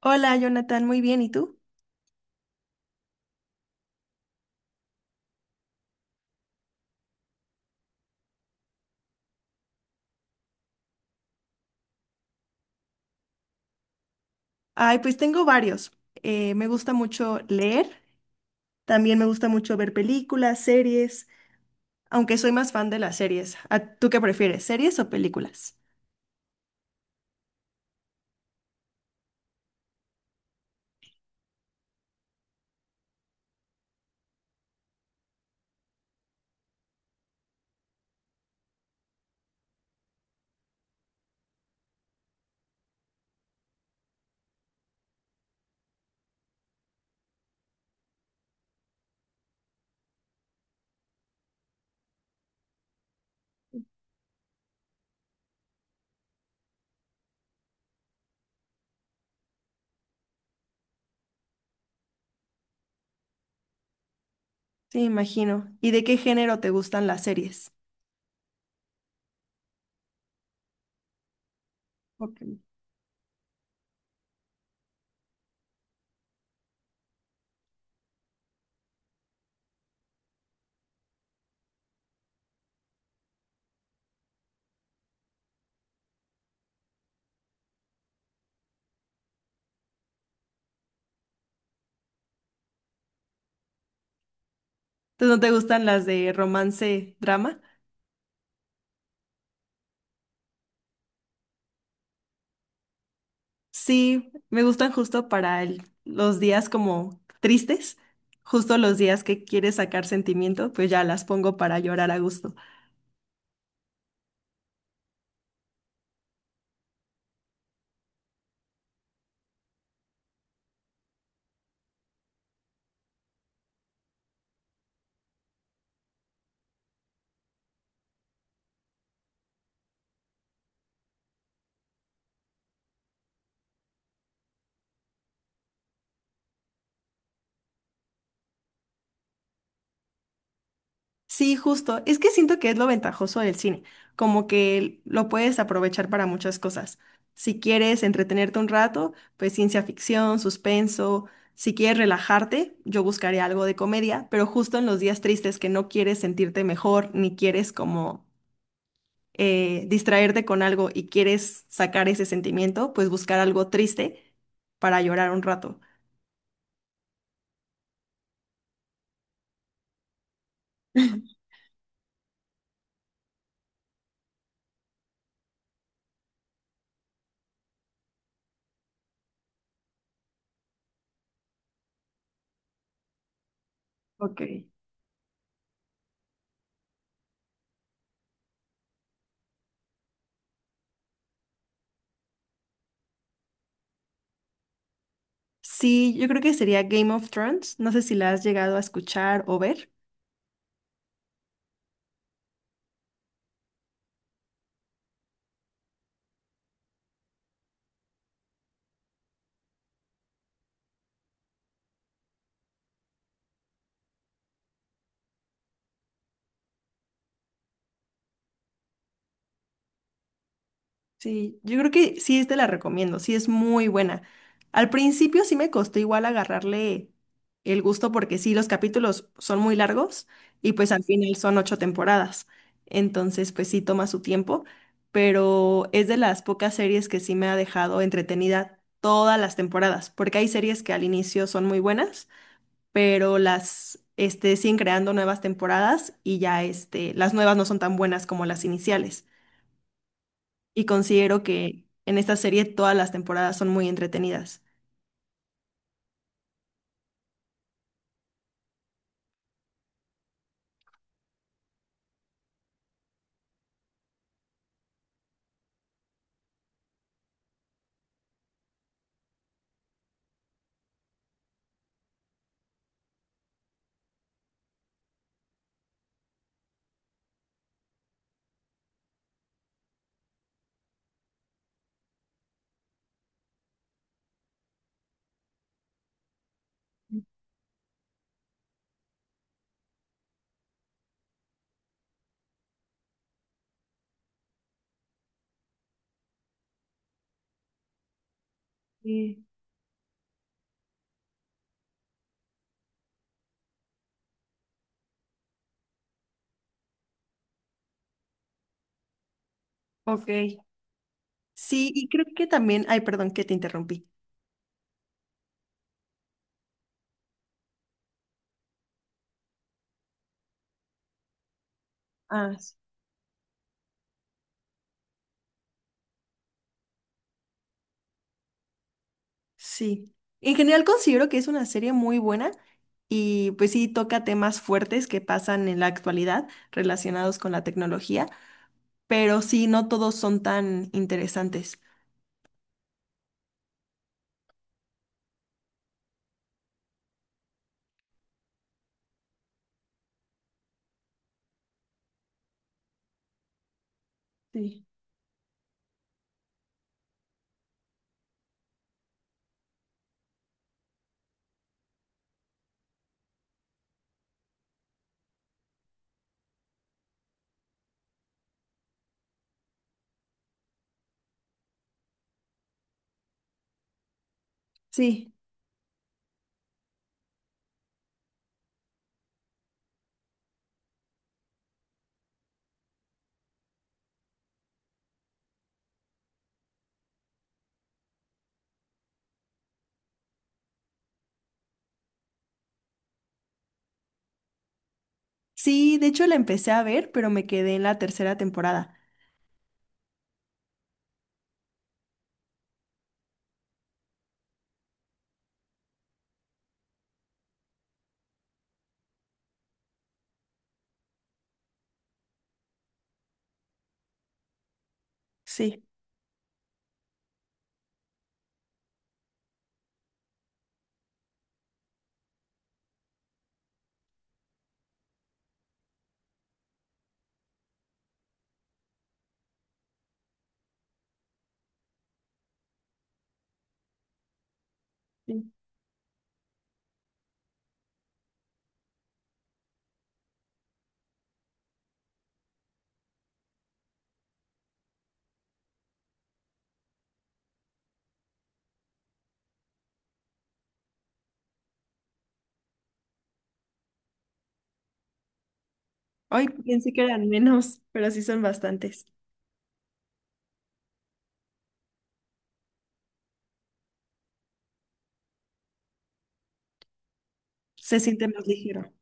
Hola, Jonathan, muy bien. ¿Y tú? Ay, pues tengo varios. Me gusta mucho leer, también me gusta mucho ver películas, series, aunque soy más fan de las series. ¿Tú qué prefieres, series o películas? Sí, imagino. ¿Y de qué género te gustan las series? Ok. ¿Tú no te gustan las de romance, drama? Sí, me gustan justo para los días como tristes, justo los días que quieres sacar sentimiento, pues ya las pongo para llorar a gusto. Sí, justo. Es que siento que es lo ventajoso del cine, como que lo puedes aprovechar para muchas cosas. Si quieres entretenerte un rato, pues ciencia ficción, suspenso. Si quieres relajarte, yo buscaré algo de comedia, pero justo en los días tristes que no quieres sentirte mejor, ni quieres como distraerte con algo y quieres sacar ese sentimiento, pues buscar algo triste para llorar un rato. Ok. Sí, yo creo que sería Game of Thrones. No sé si la has llegado a escuchar o ver. Sí, yo creo que sí te la recomiendo, sí es muy buena. Al principio sí me costó igual agarrarle el gusto porque sí, los capítulos son muy largos y pues al final son 8 temporadas. Entonces pues sí toma su tiempo, pero es de las pocas series que sí me ha dejado entretenida todas las temporadas, porque hay series que al inicio son muy buenas, pero las este, siguen creando nuevas temporadas y ya este, las nuevas no son tan buenas como las iniciales y considero que en esta serie todas las temporadas son muy entretenidas. Sí, ok. Sí, y creo que también, ay, perdón que te interrumpí. Ah, sí. Sí, en general considero que es una serie muy buena y pues sí toca temas fuertes que pasan en la actualidad relacionados con la tecnología, pero sí, no todos son tan interesantes. Sí. Sí, sí, de hecho la empecé a ver, pero me quedé en la tercera temporada. Sí, sí. Hoy pensé que eran menos, pero sí son bastantes. Se siente más ligero.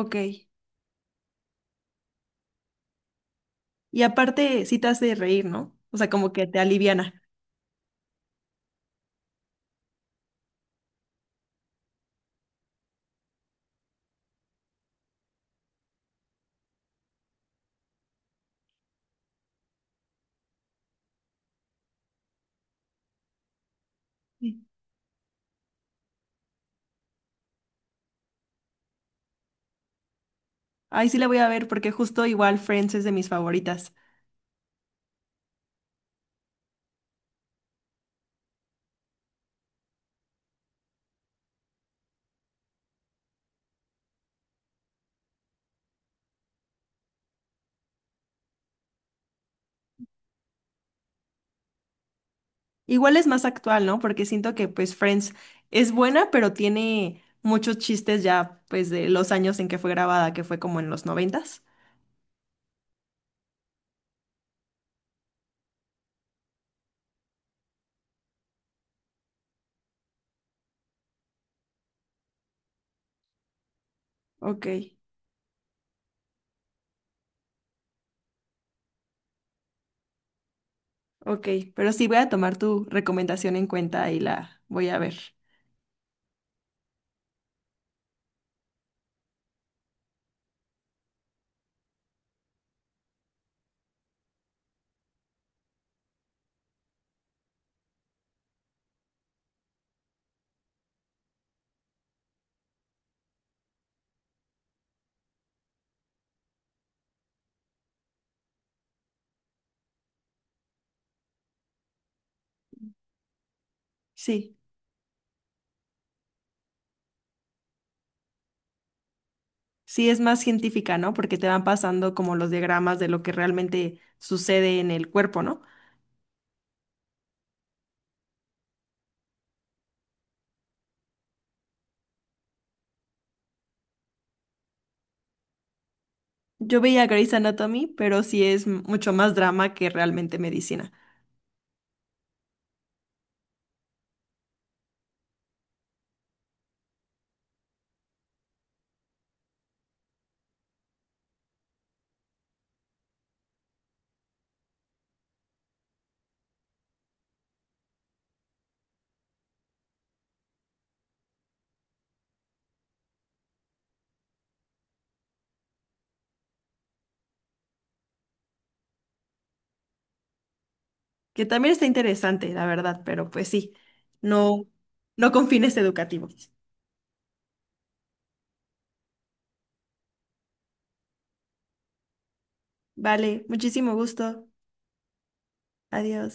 Ok. Y aparte, sí te hace reír, ¿no? O sea, como que te aliviana. Sí. Ay, sí la voy a ver porque justo igual Friends es de mis favoritas. Igual es más actual, ¿no? Porque siento que pues Friends es buena, pero tiene muchos chistes ya pues de los años en que fue grabada, que fue como en los 90. Ok, ok. Pero sí voy a tomar tu recomendación en cuenta y la voy a ver. Sí. Sí, es más científica, ¿no? Porque te van pasando como los diagramas de lo que realmente sucede en el cuerpo, ¿no? Yo veía Grey's Anatomy, pero sí es mucho más drama que realmente medicina, que también está interesante, la verdad, pero pues sí, no, no con fines educativos. Vale, muchísimo gusto. Adiós.